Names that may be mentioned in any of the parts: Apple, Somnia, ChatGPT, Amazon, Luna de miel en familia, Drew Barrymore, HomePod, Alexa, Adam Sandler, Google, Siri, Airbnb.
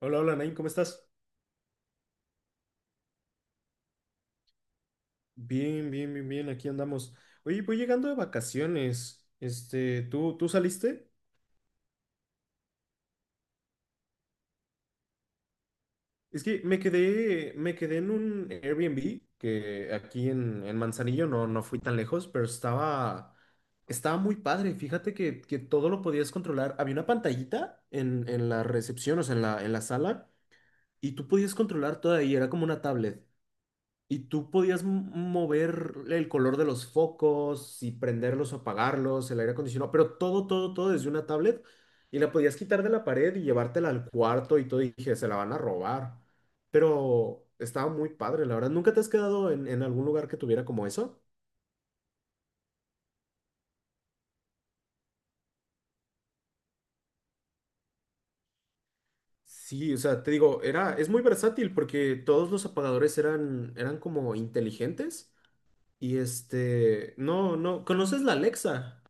Hola, hola, Nain, ¿cómo estás? Bien, bien, bien, bien, aquí andamos. Oye, voy llegando de vacaciones. ¿Tú saliste? Es que me quedé en un Airbnb que aquí en Manzanillo no, no fui tan lejos, pero estaba muy padre. Fíjate que todo lo podías controlar. Había una pantallita en la recepción, o sea, en en la sala, y tú podías controlar todo ahí, era como una tablet. Y tú podías mover el color de los focos y prenderlos o apagarlos, el aire acondicionado, pero todo, todo, todo desde una tablet y la podías quitar de la pared y llevártela al cuarto y todo. Y dije, se la van a robar. Pero estaba muy padre, la verdad. ¿Nunca te has quedado en algún lugar que tuviera como eso? Sí, o sea, te digo, es muy versátil porque todos los apagadores eran como inteligentes. Y este, no, no, ¿conoces la Alexa?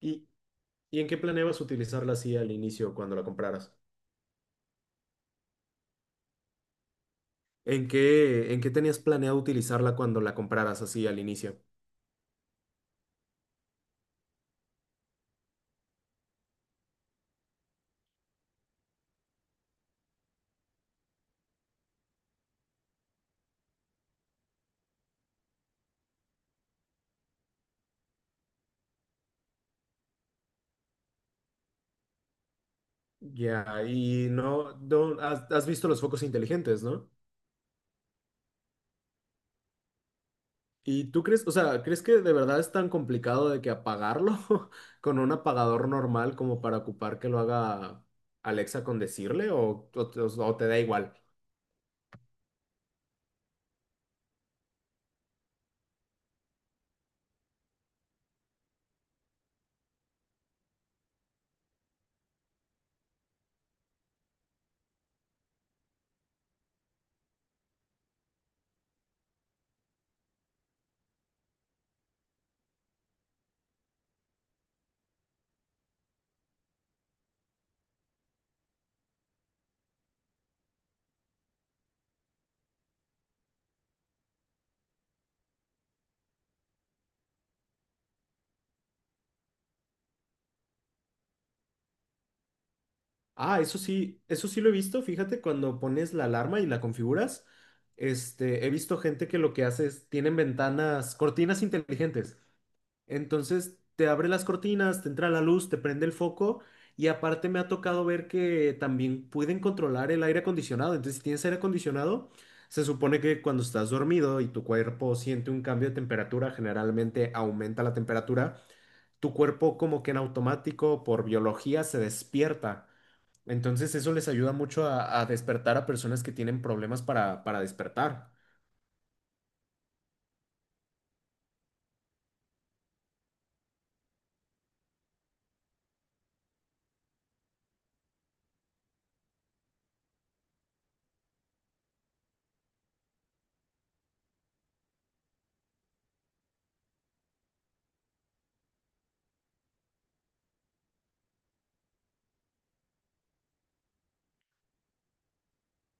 Y, ¿y en qué planeabas utilizarla así al inicio cuando la compraras? En qué tenías planeado utilizarla cuando la compraras así al inicio? Ya, y has, ¿has visto los focos inteligentes, no? ¿Y tú crees, o sea, crees que de verdad es tan complicado de que apagarlo con un apagador normal como para ocupar que lo haga Alexa con decirle o te da igual? Ah, eso sí lo he visto. Fíjate, cuando pones la alarma y la configuras, este, he visto gente que lo que hace es, tienen ventanas, cortinas inteligentes. Entonces, te abre las cortinas, te entra la luz, te prende el foco y aparte me ha tocado ver que también pueden controlar el aire acondicionado. Entonces, si tienes aire acondicionado, se supone que cuando estás dormido y tu cuerpo siente un cambio de temperatura, generalmente aumenta la temperatura, tu cuerpo como que en automático, por biología, se despierta. Entonces eso les ayuda mucho a despertar a personas que tienen problemas para despertar.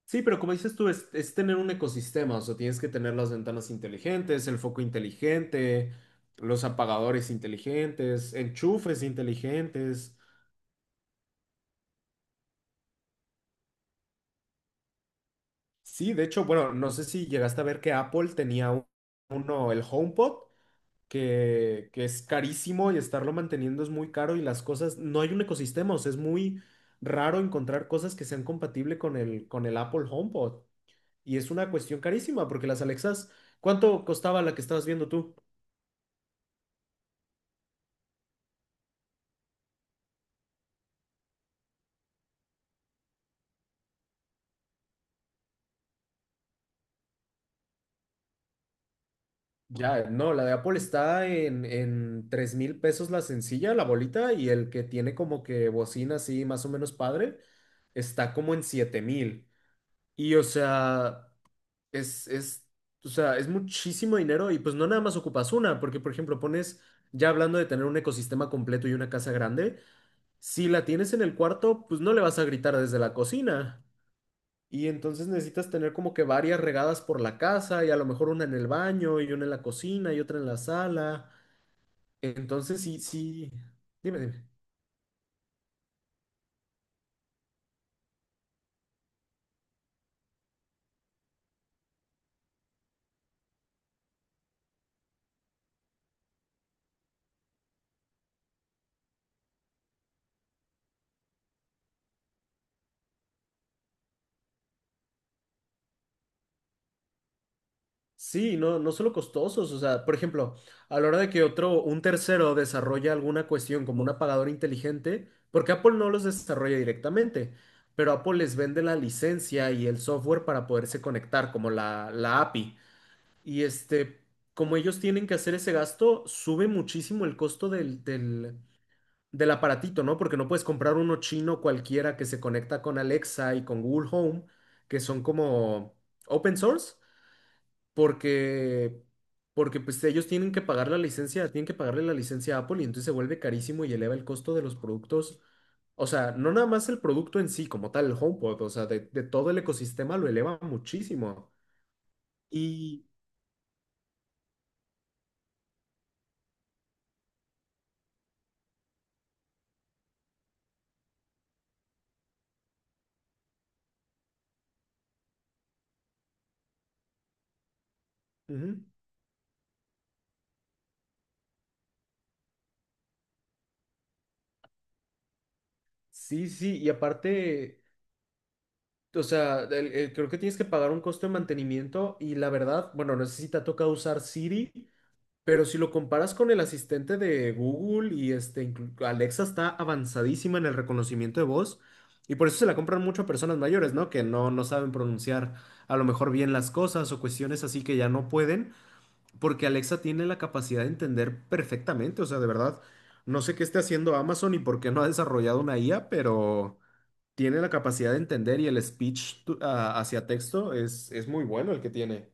Sí, pero como dices tú, es tener un ecosistema, o sea, tienes que tener las ventanas inteligentes, el foco inteligente, los apagadores inteligentes, enchufes inteligentes. Sí, de hecho, bueno, no sé si llegaste a ver que Apple tenía uno, el HomePod, que es carísimo y estarlo manteniendo es muy caro y las cosas, no hay un ecosistema, o sea, es muy raro encontrar cosas que sean compatibles con el Apple HomePod. Y es una cuestión carísima porque las Alexas, ¿cuánto costaba la que estabas viendo tú? Ya, no, la de Apple está en 3,000 pesos la sencilla, la bolita, y el que tiene como que bocina así más o menos padre, está como en 7,000. Y o sea... Es, es, o sea, es muchísimo dinero y pues no nada más ocupas una, porque por ejemplo pones, ya hablando de tener un ecosistema completo y una casa grande, si la tienes en el cuarto, pues no le vas a gritar desde la cocina. Y entonces necesitas tener como que varias regadas por la casa y a lo mejor una en el baño y una en la cocina y otra en la sala. Entonces sí, sí, dime, dime. Sí, no, no solo costosos, o sea, por ejemplo, a la hora de que otro, un tercero desarrolla alguna cuestión como un apagador inteligente, porque Apple no los desarrolla directamente, pero Apple les vende la licencia y el software para poderse conectar, como la API. Y este, como ellos tienen que hacer ese gasto, sube muchísimo el costo del aparatito, ¿no? Porque no puedes comprar uno chino cualquiera que se conecta con Alexa y con Google Home, que son como open source porque, porque pues ellos tienen que pagar la licencia, tienen que pagarle la licencia a Apple y entonces se vuelve carísimo y eleva el costo de los productos. O sea, no nada más el producto en sí, como tal, el HomePod, o sea, de todo el ecosistema lo eleva muchísimo. Y ujú, sí, sí, y aparte, o sea, creo que tienes que pagar un costo de mantenimiento y la verdad, bueno, no sé si te ha tocado usar Siri, pero si lo comparas con el asistente de Google y este, Alexa está avanzadísima en el reconocimiento de voz y por eso se la compran mucho a personas mayores, ¿no? Que no, no saben pronunciar a lo mejor bien las cosas o cuestiones así que ya no pueden, porque Alexa tiene la capacidad de entender perfectamente, o sea, de verdad, no sé qué esté haciendo Amazon y por qué no ha desarrollado una IA, pero tiene la capacidad de entender y el hacia texto es muy bueno el que tiene.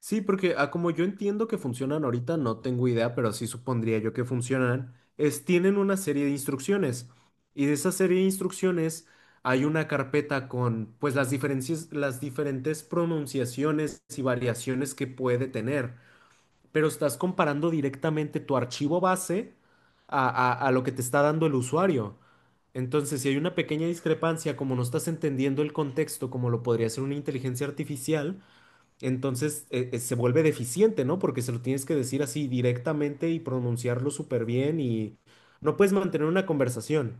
Sí, porque a como yo entiendo que funcionan ahorita, no tengo idea, pero sí supondría yo que funcionan, es tienen una serie de instrucciones. Y de esa serie de instrucciones hay una carpeta con pues las diferentes pronunciaciones y variaciones que puede tener. Pero estás comparando directamente tu archivo base a, a lo que te está dando el usuario. Entonces, si hay una pequeña discrepancia, como no estás entendiendo el contexto, como lo podría ser una inteligencia artificial, entonces se vuelve deficiente, ¿no? Porque se lo tienes que decir así directamente y pronunciarlo súper bien y no puedes mantener una conversación.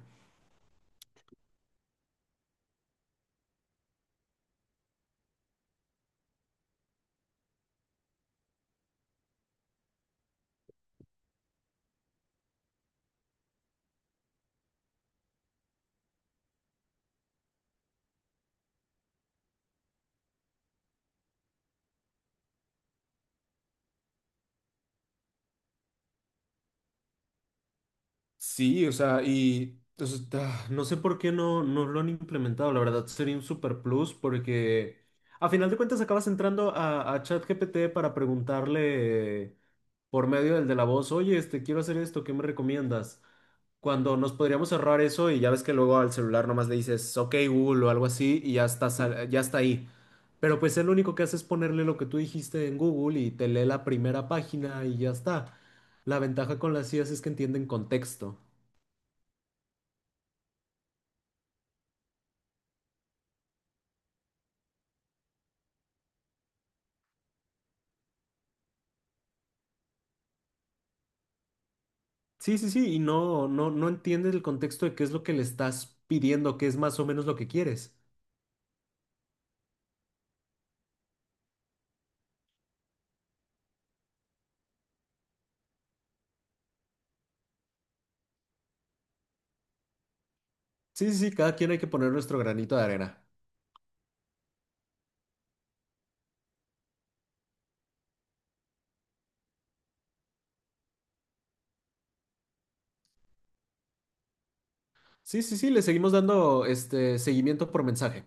Sí, o sea, y entonces, ah, no sé por qué no lo han implementado, la verdad sería un super plus porque a final de cuentas acabas entrando a ChatGPT para preguntarle por medio del de la voz, oye, este, quiero hacer esto, ¿qué me recomiendas? Cuando nos podríamos ahorrar eso y ya ves que luego al celular nomás le dices, ok, Google o algo así y ya está, ya está ahí. Pero pues él lo único que hace es ponerle lo que tú dijiste en Google y te lee la primera página y ya está. La ventaja con las IAs es que entienden contexto. Sí, sí, sí, y no entiendes el contexto de qué es lo que le estás pidiendo, qué es más o menos lo que quieres. Sí, sí, sí, cada quien hay que poner nuestro granito de arena. Sí, sí, sí, le seguimos dando este seguimiento por mensaje.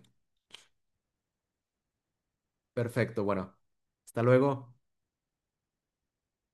Perfecto, bueno. Hasta luego.